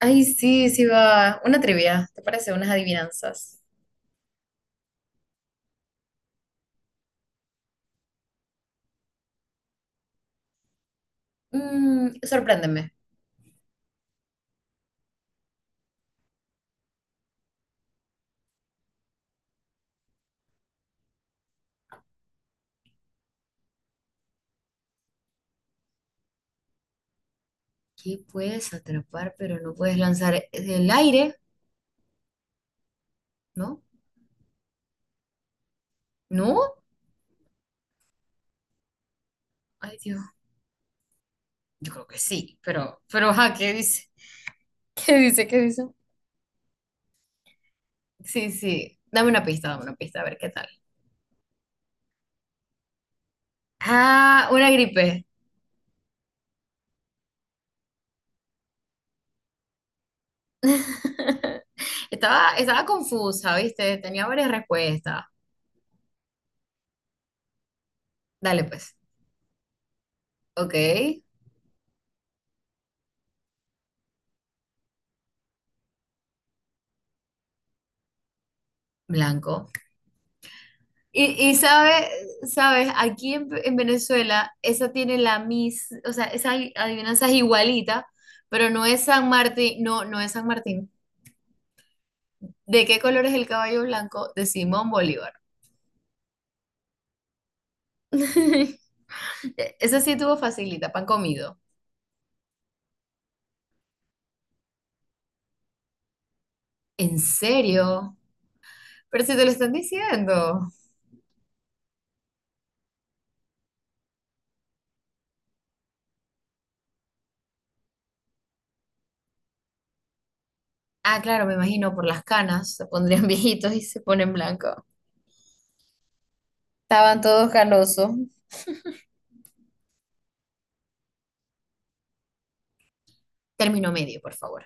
Ay, sí, sí va. Una trivia, ¿te parece? Unas adivinanzas. Sorpréndeme. ¿Qué puedes atrapar pero no puedes lanzar del aire? ¿No? ¿No? Ay, Dios. Yo creo que sí, pero, ajá, ¿qué dice? ¿Qué dice? ¿Qué dice? Sí, sí. Dame una pista, a ver qué tal. Ah, una gripe. Estaba confusa, ¿viste? Tenía varias respuestas. Dale, pues. Ok, blanco. Y, y sabe, sabes, aquí en Venezuela, esa tiene la mis, o sea, esa adivinanza es igualita, pero no es San Martín, no, no es San Martín. ¿De qué color es el caballo blanco de Simón Bolívar? Esa sí tuvo facilita, pan comido. ¿En serio? Pero si te lo están diciendo. Ah, claro, me imagino, por las canas, se pondrían viejitos y se ponen blancos. Estaban todos canosos. Término medio, por favor.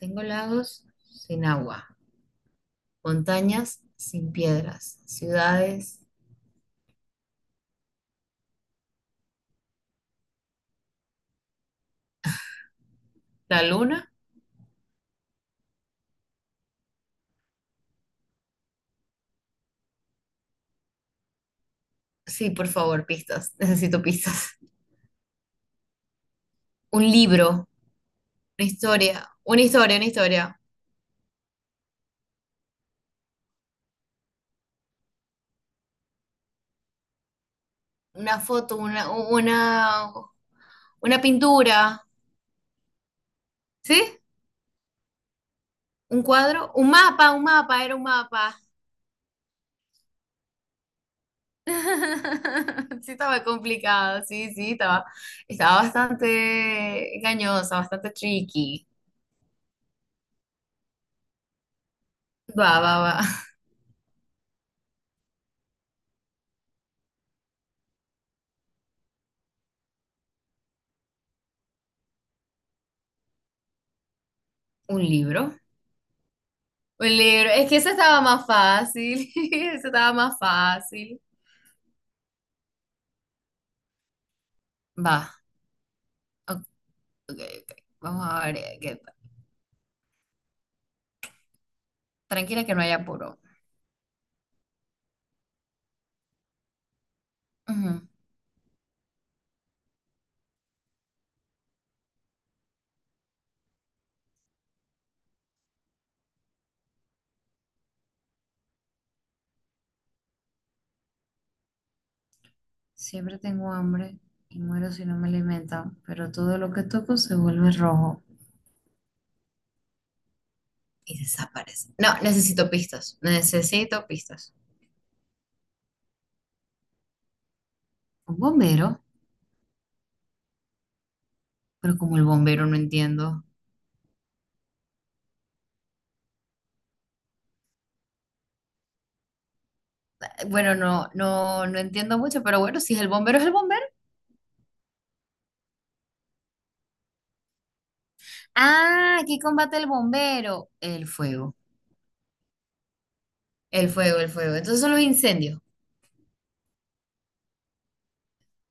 Tengo lagos sin agua. Montañas sin piedras, ciudades, la luna. Sí, por favor, pistas. Necesito pistas. Un libro, una historia, una historia, una historia, una foto, una pintura, ¿sí? Un cuadro, un mapa, era un mapa. Sí, estaba complicado, sí, sí, estaba, estaba bastante engañosa, bastante tricky. Va, va, va. Un libro. Un libro. Es que ese estaba más fácil. Ese estaba más fácil. Va. Ok, ok, ok. Vamos a ver. Tranquila que no haya apuro. Ujú. Siempre tengo hambre y muero si no me alimentan, pero todo lo que toco se vuelve rojo y desaparece. No, necesito pistas. Necesito pistas. Un bombero, pero como el bombero no entiendo. Bueno, no, no, no entiendo mucho, pero bueno, si es el bombero, es el bombero. Ah, ¿aquí combate el bombero? El fuego. El fuego, el fuego. Entonces son los incendios.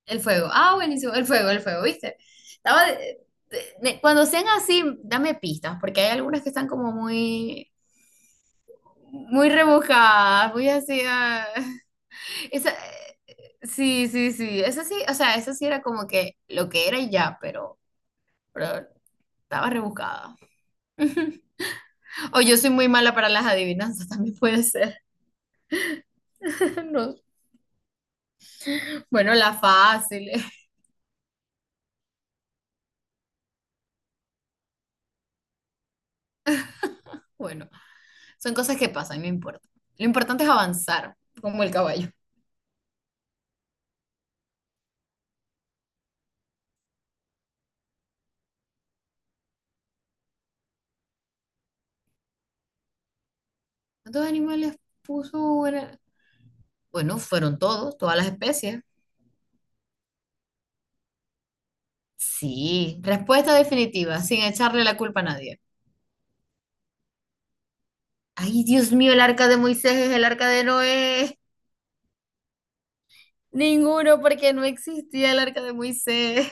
El fuego. Ah, buenísimo. El fuego, ¿viste? Estaba de- Cuando sean así, dame pistas, porque hay algunas que están como muy, muy rebuscadas, muy así. Ah. Esa, sí, sí, sí. Esa sí, o sea, esa sí era como que lo que era y ya, pero estaba rebuscada. O yo soy muy mala para las adivinanzas, también puede ser. No. Bueno, la fácil. Bueno, son cosas que pasan, no importa. Lo importante es avanzar, como el caballo. ¿Cuántos animales puso? Bueno, fueron todos, todas las especies. Sí, respuesta definitiva, sin echarle la culpa a nadie. Ay, Dios mío, el arca de Moisés es el arca de Noé. Ninguno, porque no existía el arca de Moisés.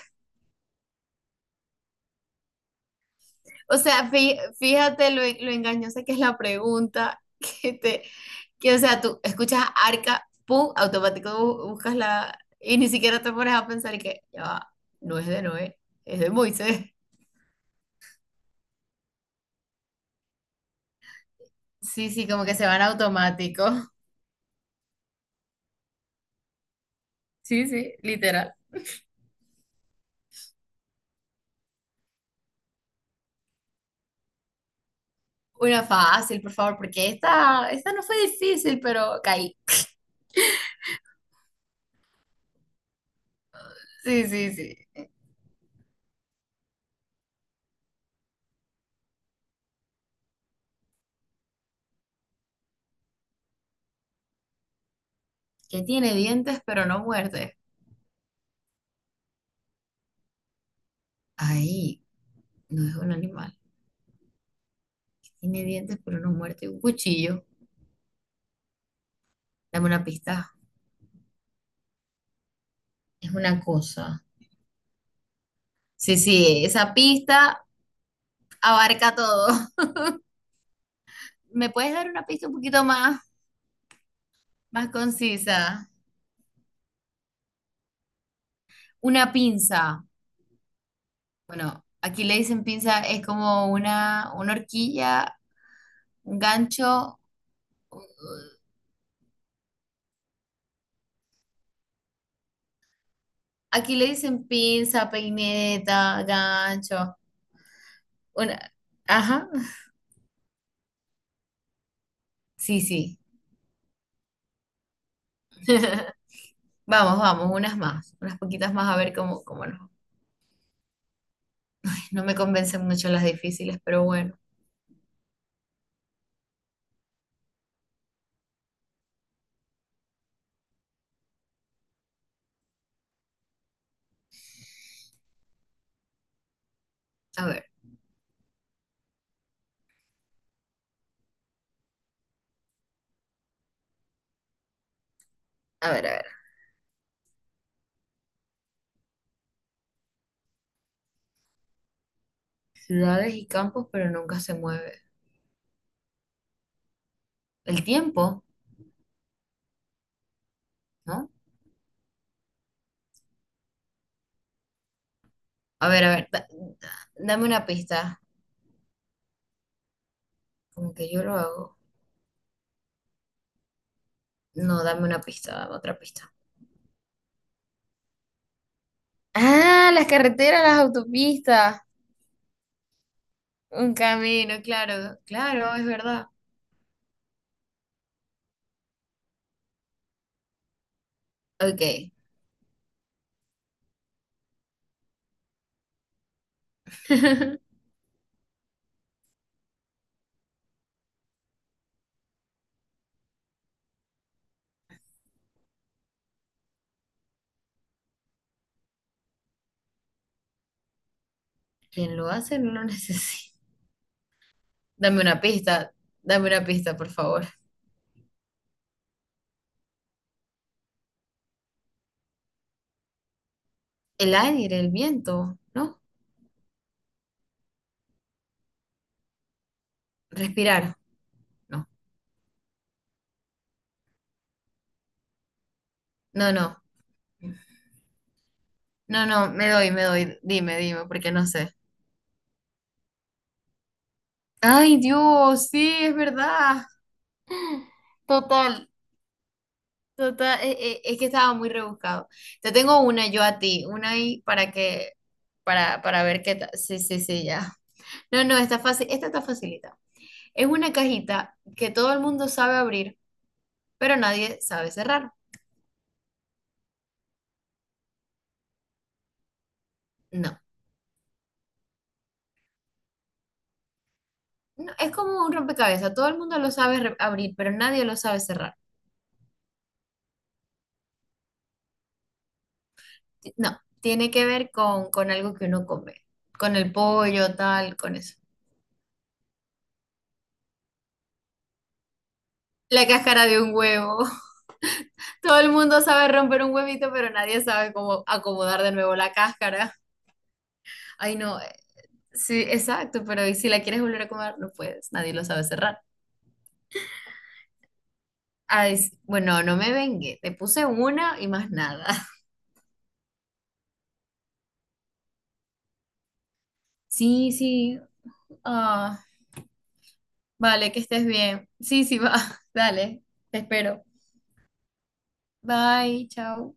O sea, fíjate lo engañosa que es la pregunta, que te, que, o sea, tú escuchas arca, pum, automático buscas la, y ni siquiera te pones a pensar que, ya va, no es de Noé, es de Moisés. Sí, sí, como que se van automático. Sí, sí, literal. Una fácil, por favor, porque esta no fue difícil, pero caí. Sí, sí, sí. Que tiene dientes, pero no muerde. Ay, no es un animal. Tiene dientes, pero no muerde. Un cuchillo. Dame una pista. Es una cosa. Sí, sí, esa pista abarca todo. ¿Me puedes dar una pista un poquito más, más concisa? Una pinza. Bueno, aquí le dicen pinza, es como una horquilla. Gancho, aquí le dicen pinza, peineta, gancho. Una, ajá, sí, sí. Vamos, vamos, unas más, unas poquitas más a ver cómo, cómo nos- No me convencen mucho las difíciles, pero bueno, a ver, a ver, a ver. Ciudades y campos, pero nunca se mueve. El tiempo, ¿no? A ver, dame una pista, como que yo lo hago. No, dame una pista, dame otra pista. Ah, las carreteras, las autopistas. Un camino, claro, claro, es verdad. Ok. Quien lo hace no lo necesita. Dame una pista, dame una pista, por favor. El aire, el viento, ¿no? Respirar, no. No, no. No, no, me doy, me doy. Dime, dime, porque no sé. Ay, Dios, sí, es verdad. Total, total. Es, que estaba muy rebuscado. Te tengo una yo a ti, una ahí para que, para ver qué tal. Sí, sí, sí, ya. No, no, está fácil, esta está facilita. Es una cajita que todo el mundo sabe abrir pero nadie sabe cerrar. No, no, es como un rompecabezas, todo el mundo lo sabe abrir, pero nadie lo sabe cerrar. No, tiene que ver con algo que uno come, con el pollo, tal, con eso. La cáscara de un huevo. Todo el mundo sabe romper un huevito, pero nadie sabe cómo acomodar de nuevo la cáscara. Ay, no, sí, exacto, pero ¿y si la quieres volver a comer? No puedes, nadie lo sabe cerrar. Ay, bueno, no me vengue, te puse una y más nada. Sí, sí. ah, Vale, que estés bien. Sí, sí, va. Dale, te espero. Bye, chao.